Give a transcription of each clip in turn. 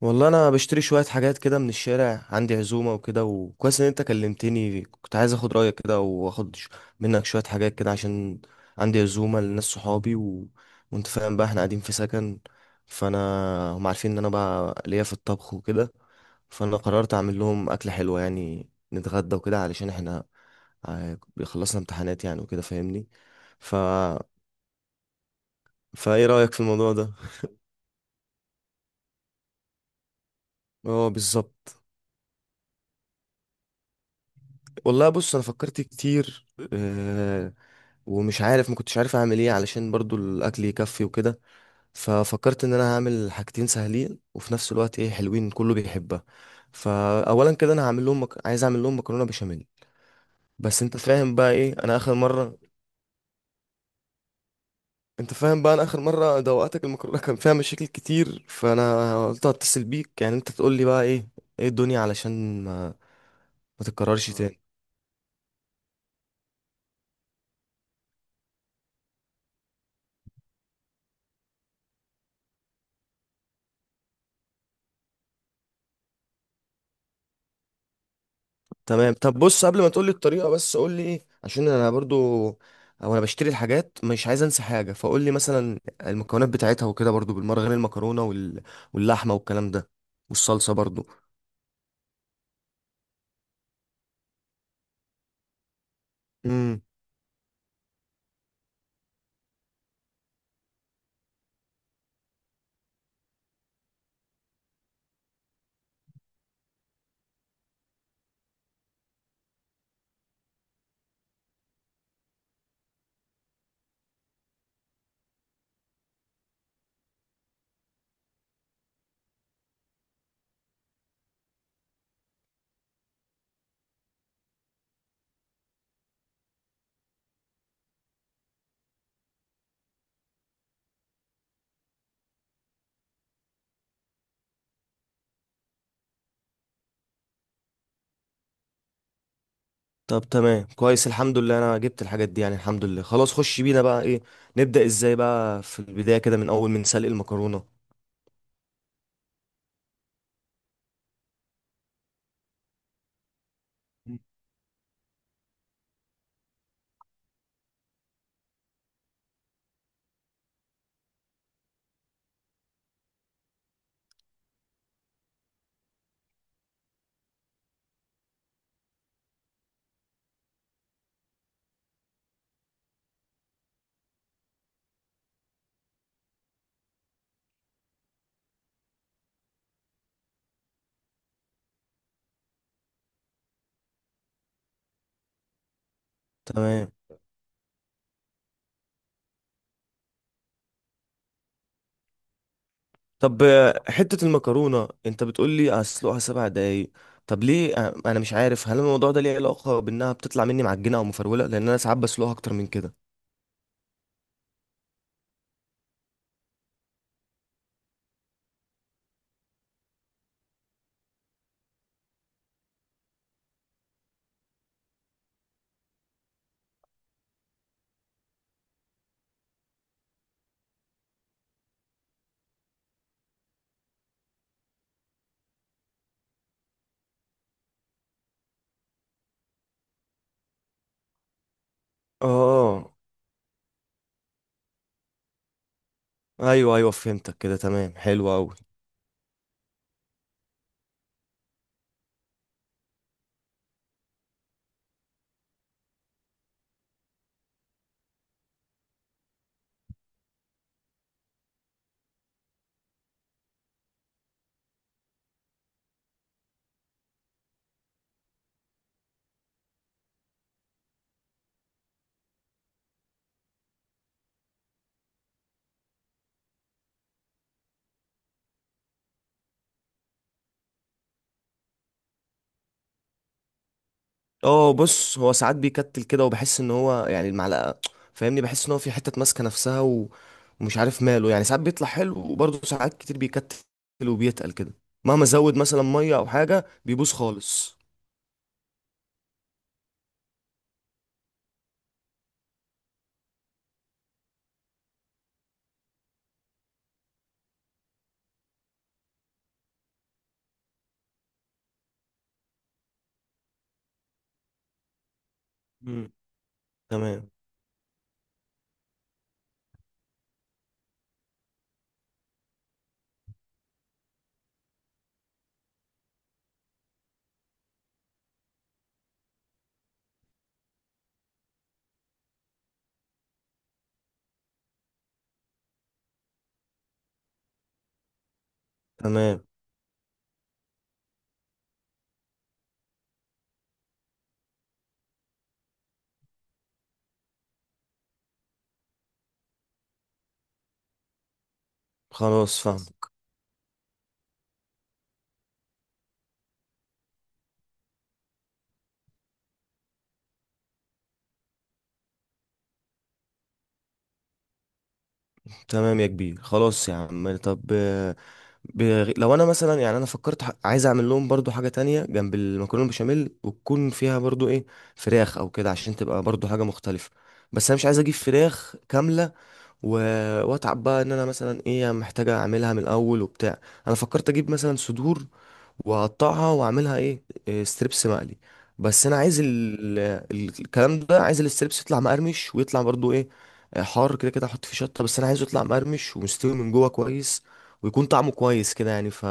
والله انا بشتري شويه حاجات كده من الشارع، عندي عزومه وكده. وكويس ان انت كلمتني، كنت عايز اخد رايك كده واخد منك شويه حاجات كده عشان عندي عزومه لناس صحابي وانت فاهم بقى احنا قاعدين في سكن، فانا هم عارفين ان انا بقى ليا في الطبخ وكده. فانا قررت اعمل لهم اكله حلوه يعني نتغدى وكده علشان احنا ع- خلصنا امتحانات يعني وكده فاهمني. ف فايه رايك في الموضوع ده؟ اه بالظبط. والله بص انا فكرت كتير، آه، ومش عارف ما كنتش عارف اعمل ايه علشان برضو الاكل يكفي وكده. ففكرت ان انا هعمل حاجتين سهلين وفي نفس الوقت ايه حلوين كله بيحبها. فاولا كده انا عايز اعمل لهم مكرونه بشاميل. بس انت فاهم بقى ايه انا اخر مره. انت فاهم بقى انا اخر مره دوقتك المكرونه كان فيها مشاكل كتير، فانا قلت هتصل بيك يعني انت تقول لي بقى ايه ايه الدنيا علشان ما تتكررش تاني. تمام، طب بص قبل ما تقولي الطريقة، بس قولي ايه عشان انا برضو او انا بشتري الحاجات مش عايز انسى حاجة، فقولي مثلا المكونات بتاعتها وكده برضو بالمرة غير المكرونة واللحمة والكلام ده، والصلصة برضو. امم. طب تمام كويس، الحمد لله انا جبت الحاجات دي يعني، الحمد لله خلاص. خش بينا بقى ايه، نبدأ ازاي بقى في البداية كده من اول من سلق المكرونة. تمام، طب حتة المكرونة انت بتقول لي اسلقها 7 دقايق، طب ليه؟ انا مش عارف هل الموضوع ده ليه علاقة بانها بتطلع مني معجنة او مفرولة، لان انا ساعات بسلقها اكتر من كده. اه. ايوه ايوه فهمتك كده، تمام حلو قوي. اه بص هو ساعات بيكتل كده، وبحس ان هو يعني المعلقة فاهمني، بحس ان هو في حتة ماسكة نفسها ومش عارف ماله يعني. ساعات بيطلع حلو وبرضه ساعات كتير بيكتل وبيتقل كده، مهما ازود مثلا مية او حاجة بيبوظ خالص. مم. تمام. تمام خلاص فاهم. تمام يا كبير، خلاص يا عم. طب لو انا مثلا يعني انا فكرت عايز اعمل لهم برضو حاجه تانية جنب المكرونه البشاميل وتكون فيها برضو ايه، فراخ او كده عشان تبقى برضو حاجه مختلفه. بس انا مش عايز اجيب فراخ كامله و... واتعب بقى ان انا مثلا ايه محتاجه اعملها من الاول وبتاع. انا فكرت اجيب مثلا صدور وهقطعها واعملها ايه، ستريبس مقلي. بس انا عايز ال- الكلام ده، عايز الستريبس يطلع مقرمش ويطلع برضو ايه، حار كده كده احط فيه شطه، بس انا عايزه يطلع مقرمش ومستوي من جوه كويس، ويكون طعمه كويس كده يعني.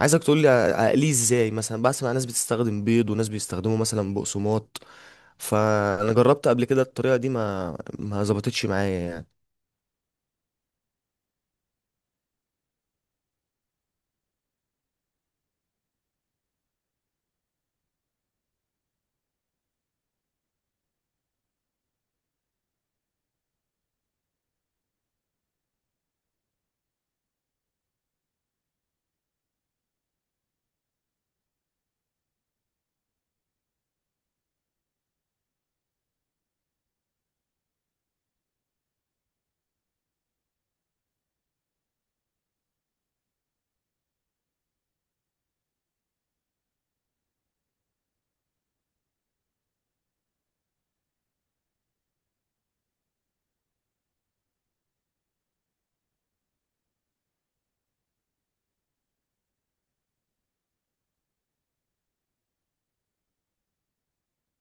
عايزك تقول لي اقليه ازاي، مثلا بسمع ناس بتستخدم بيض وناس بيستخدموا مثلا بقسماط، فانا جربت قبل كده الطريقه دي ما ظبطتش معايا يعني.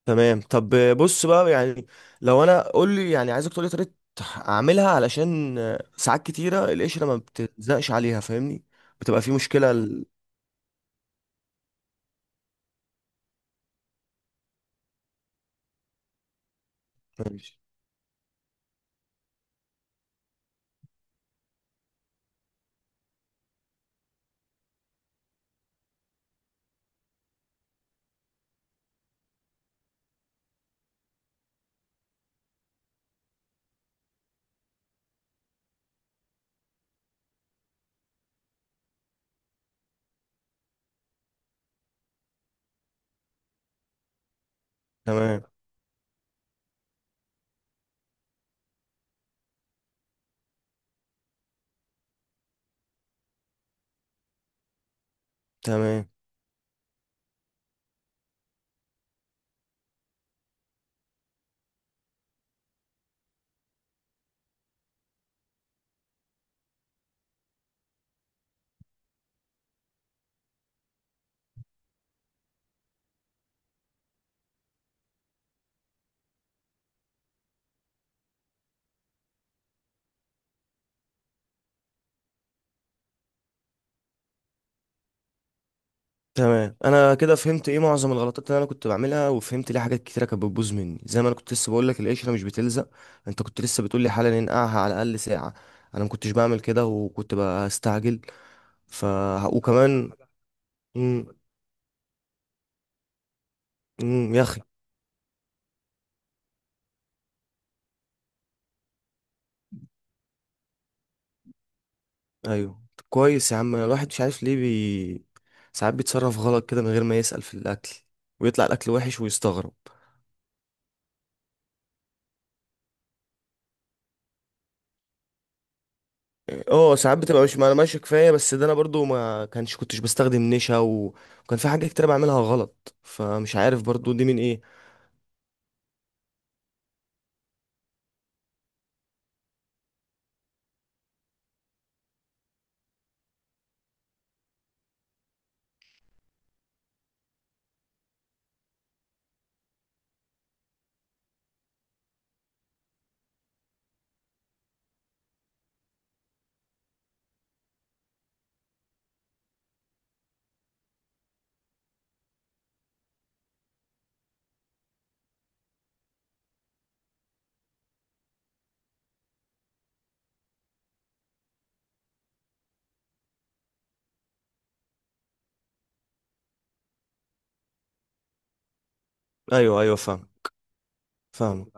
تمام، طب بص بقى يعني، لو انا قول لي يعني عايزك تقول لي طريقه اعملها علشان ساعات كتيره القشره ما بتلزقش عليها فاهمني، بتبقى في مشكله ماشي. تمام. تمام. تمام انا كده فهمت ايه معظم الغلطات اللي انا كنت بعملها، وفهمت ليه حاجات كتيره كانت بتبوظ مني، زي ما انا كنت لسه بقول لك القشره مش بتلزق. انت كنت لسه بتقول لي حالا ننقعها على الاقل ساعه، انا ما كنتش بعمل كده وكنت بستعجل. ف وكمان. امم. إمم، يا ايوه. طب كويس يا عم، الواحد مش عارف ليه ساعات بيتصرف غلط كده من غير ما يسأل في الاكل، ويطلع الاكل وحش ويستغرب. اه ساعات بتبقى مش معلومة ماشية كفاية، بس ده انا برضو ما كانش كنتش بستخدم نشا وكان في حاجات كتير بعملها غلط، فمش عارف برضو دي من ايه. ايوه ايوه فاهم. فاهم.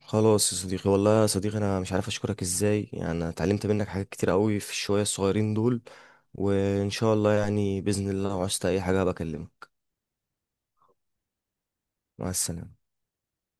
خلاص يا صديقي، والله يا صديقي انا مش عارف اشكرك ازاي يعني، انا اتعلمت منك حاجات كتير قوي في الشوية الصغيرين دول. وان شاء الله يعني بإذن الله لو عوزت اي حاجة بكلمك. مع السلامة.